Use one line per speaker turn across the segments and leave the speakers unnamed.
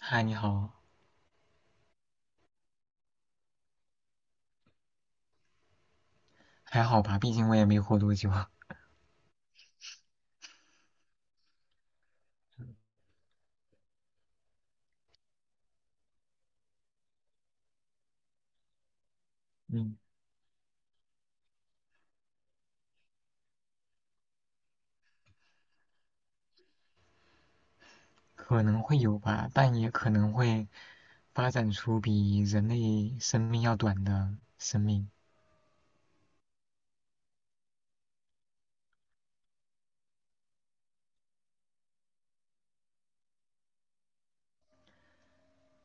嗨，你好。还好吧？毕竟我也没活多久。嗯，可能会有吧，但也可能会发展出比人类生命要短的生命。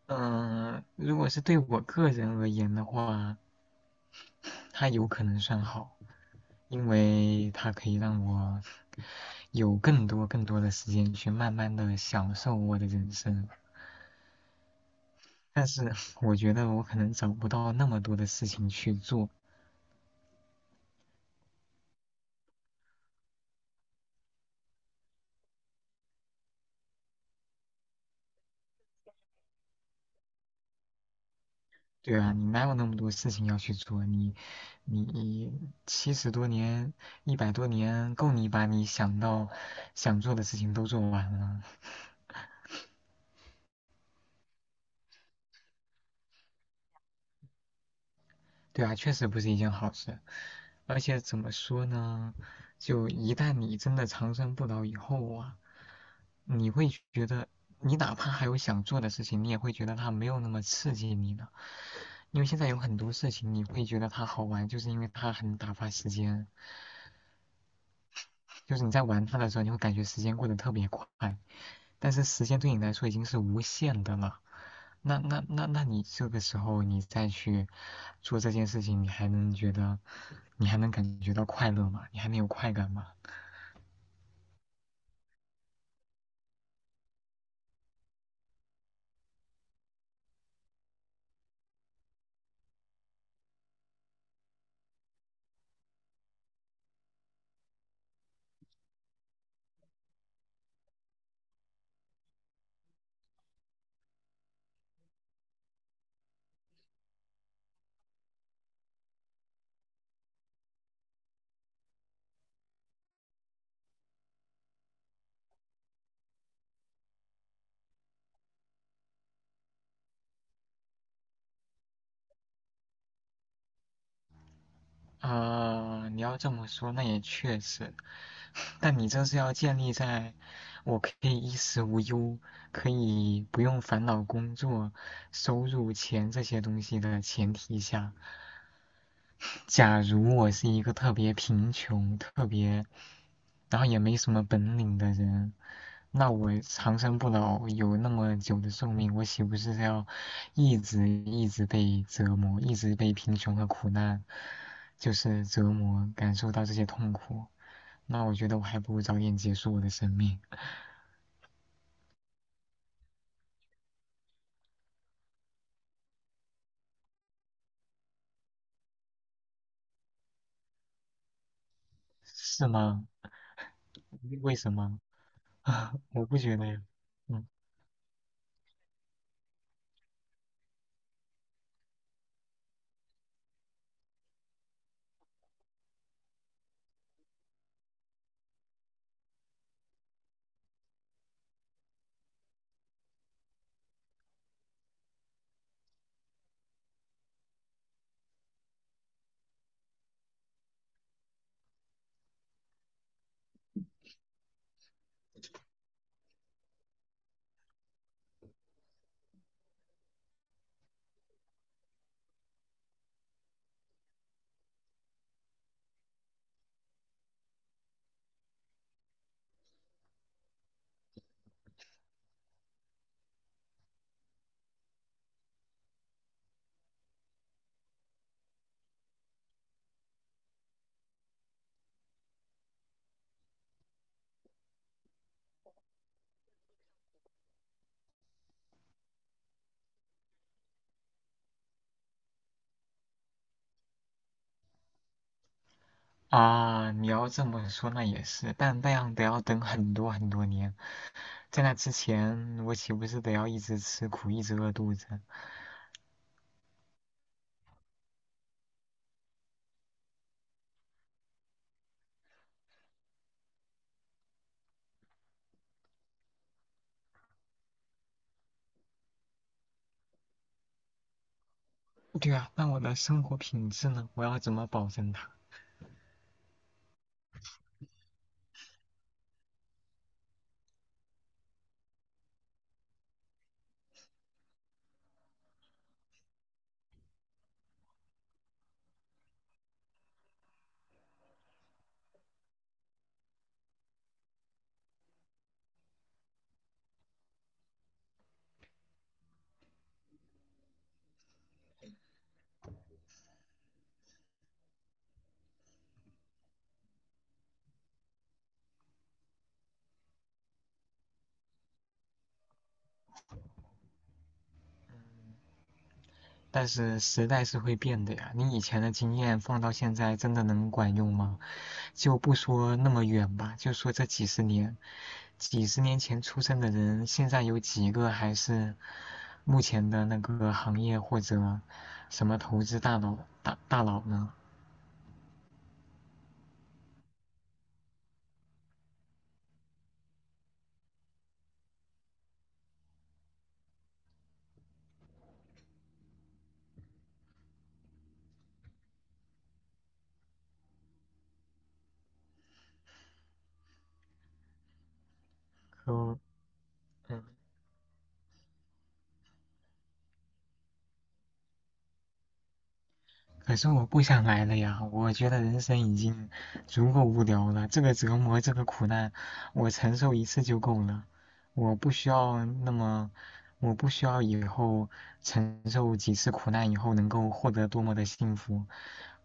嗯，如果是对我个人而言的话，它有可能算好，因为它可以让我有更多更多的时间去慢慢的享受我的人生。但是我觉得我可能找不到那么多的事情去做。对啊，你哪有那么多事情要去做？你，你七十多年、一百多年，够你把你想到想做的事情都做完了。对啊，确实不是一件好事。而且怎么说呢？就一旦你真的长生不老以后啊，你会觉得，你哪怕还有想做的事情，你也会觉得它没有那么刺激你了。因为现在有很多事情，你会觉得它好玩，就是因为它很打发时间。就是你在玩它的时候，你会感觉时间过得特别快。但是时间对你来说已经是无限的了。那你这个时候你再去做这件事情，你还能觉得，你还能感觉到快乐吗？你还能有快感吗？啊，你要这么说，那也确实，但你这是要建立在我可以衣食无忧，可以不用烦恼工作、收入、钱这些东西的前提下。假如我是一个特别贫穷、特别，然后也没什么本领的人，那我长生不老有那么久的寿命，我岂不是要一直一直被折磨，一直被贫穷和苦难就是折磨，感受到这些痛苦？那我觉得我还不如早点结束我的生命。是吗？为什么？我不觉得呀。嗯。啊，你要这么说那也是，但那样得要等很多很多年，在那之前我岂不是得要一直吃苦，一直饿肚子？对啊，那我的生活品质呢？我要怎么保证它？但是时代是会变的呀，你以前的经验放到现在真的能管用吗？就不说那么远吧，就说这几十年，几十年前出生的人，现在有几个还是目前的那个行业或者什么投资大佬呢？可嗯，可是我不想来了呀，我觉得人生已经足够无聊了，这个折磨，这个苦难，我承受一次就够了，我不需要那么，我不需要以后承受几次苦难以后能够获得多么的幸福，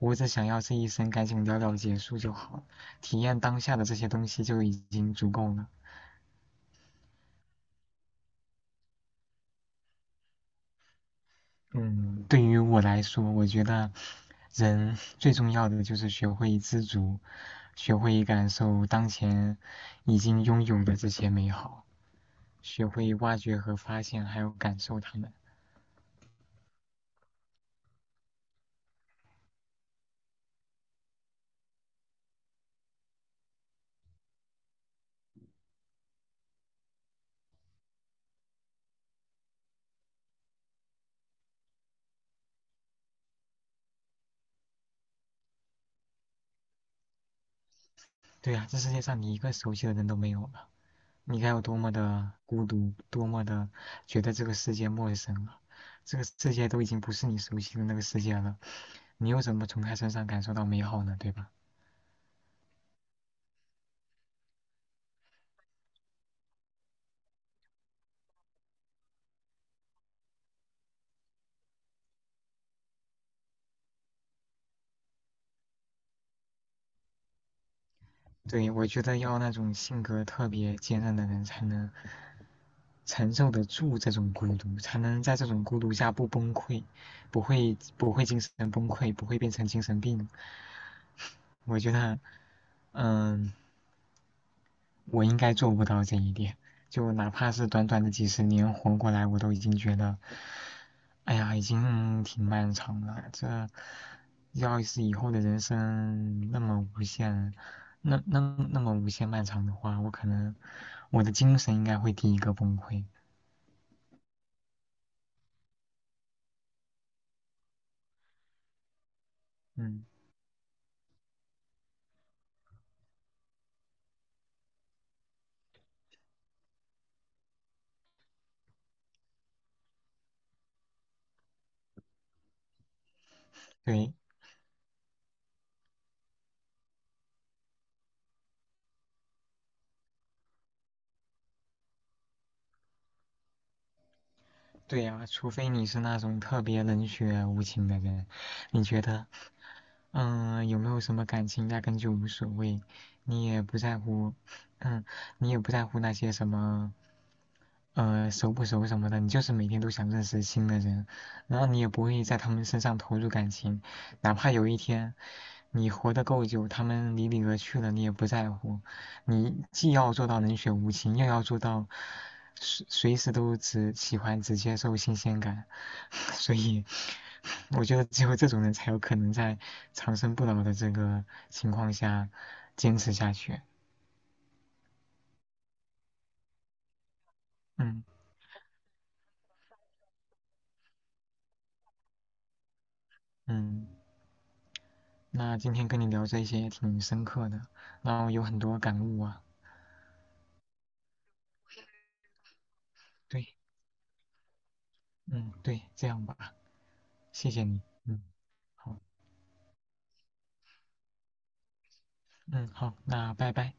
我只想要这一生赶紧了了结束就好，体验当下的这些东西就已经足够了。嗯，对于我来说，我觉得人最重要的就是学会知足，学会感受当前已经拥有的这些美好，学会挖掘和发现，还有感受它们。对呀，这世界上你一个熟悉的人都没有了，你该有多么的孤独，多么的觉得这个世界陌生了。这个世界都已经不是你熟悉的那个世界了，你又怎么从他身上感受到美好呢？对吧？对，我觉得要那种性格特别坚韧的人才能承受得住这种孤独，才能在这种孤独下不崩溃，不会不会精神崩溃，不会变成精神病。我觉得，嗯，我应该做不到这一点。就哪怕是短短的几十年活过来，我都已经觉得，哎呀，已经挺漫长了。这要是以后的人生那么无限，那那么无限漫长的话，我可能我的精神应该会第一个崩溃。嗯。对，对呀，除非你是那种特别冷血无情的人。你觉得，嗯，有没有什么感情压根就无所谓，你也不在乎，嗯，你也不在乎那些什么，熟不熟什么的，你就是每天都想认识新的人，然后你也不会在他们身上投入感情，哪怕有一天你活得够久，他们离你而去了，你也不在乎。你既要做到冷血无情，又要做到随时都只喜欢只接受新鲜感，所以我觉得只有这种人才有可能在长生不老的这个情况下坚持下去。嗯嗯，那今天跟你聊这些也挺深刻的，然后有很多感悟啊。对，嗯对，这样吧，谢谢你。嗯，好，嗯好，那拜拜。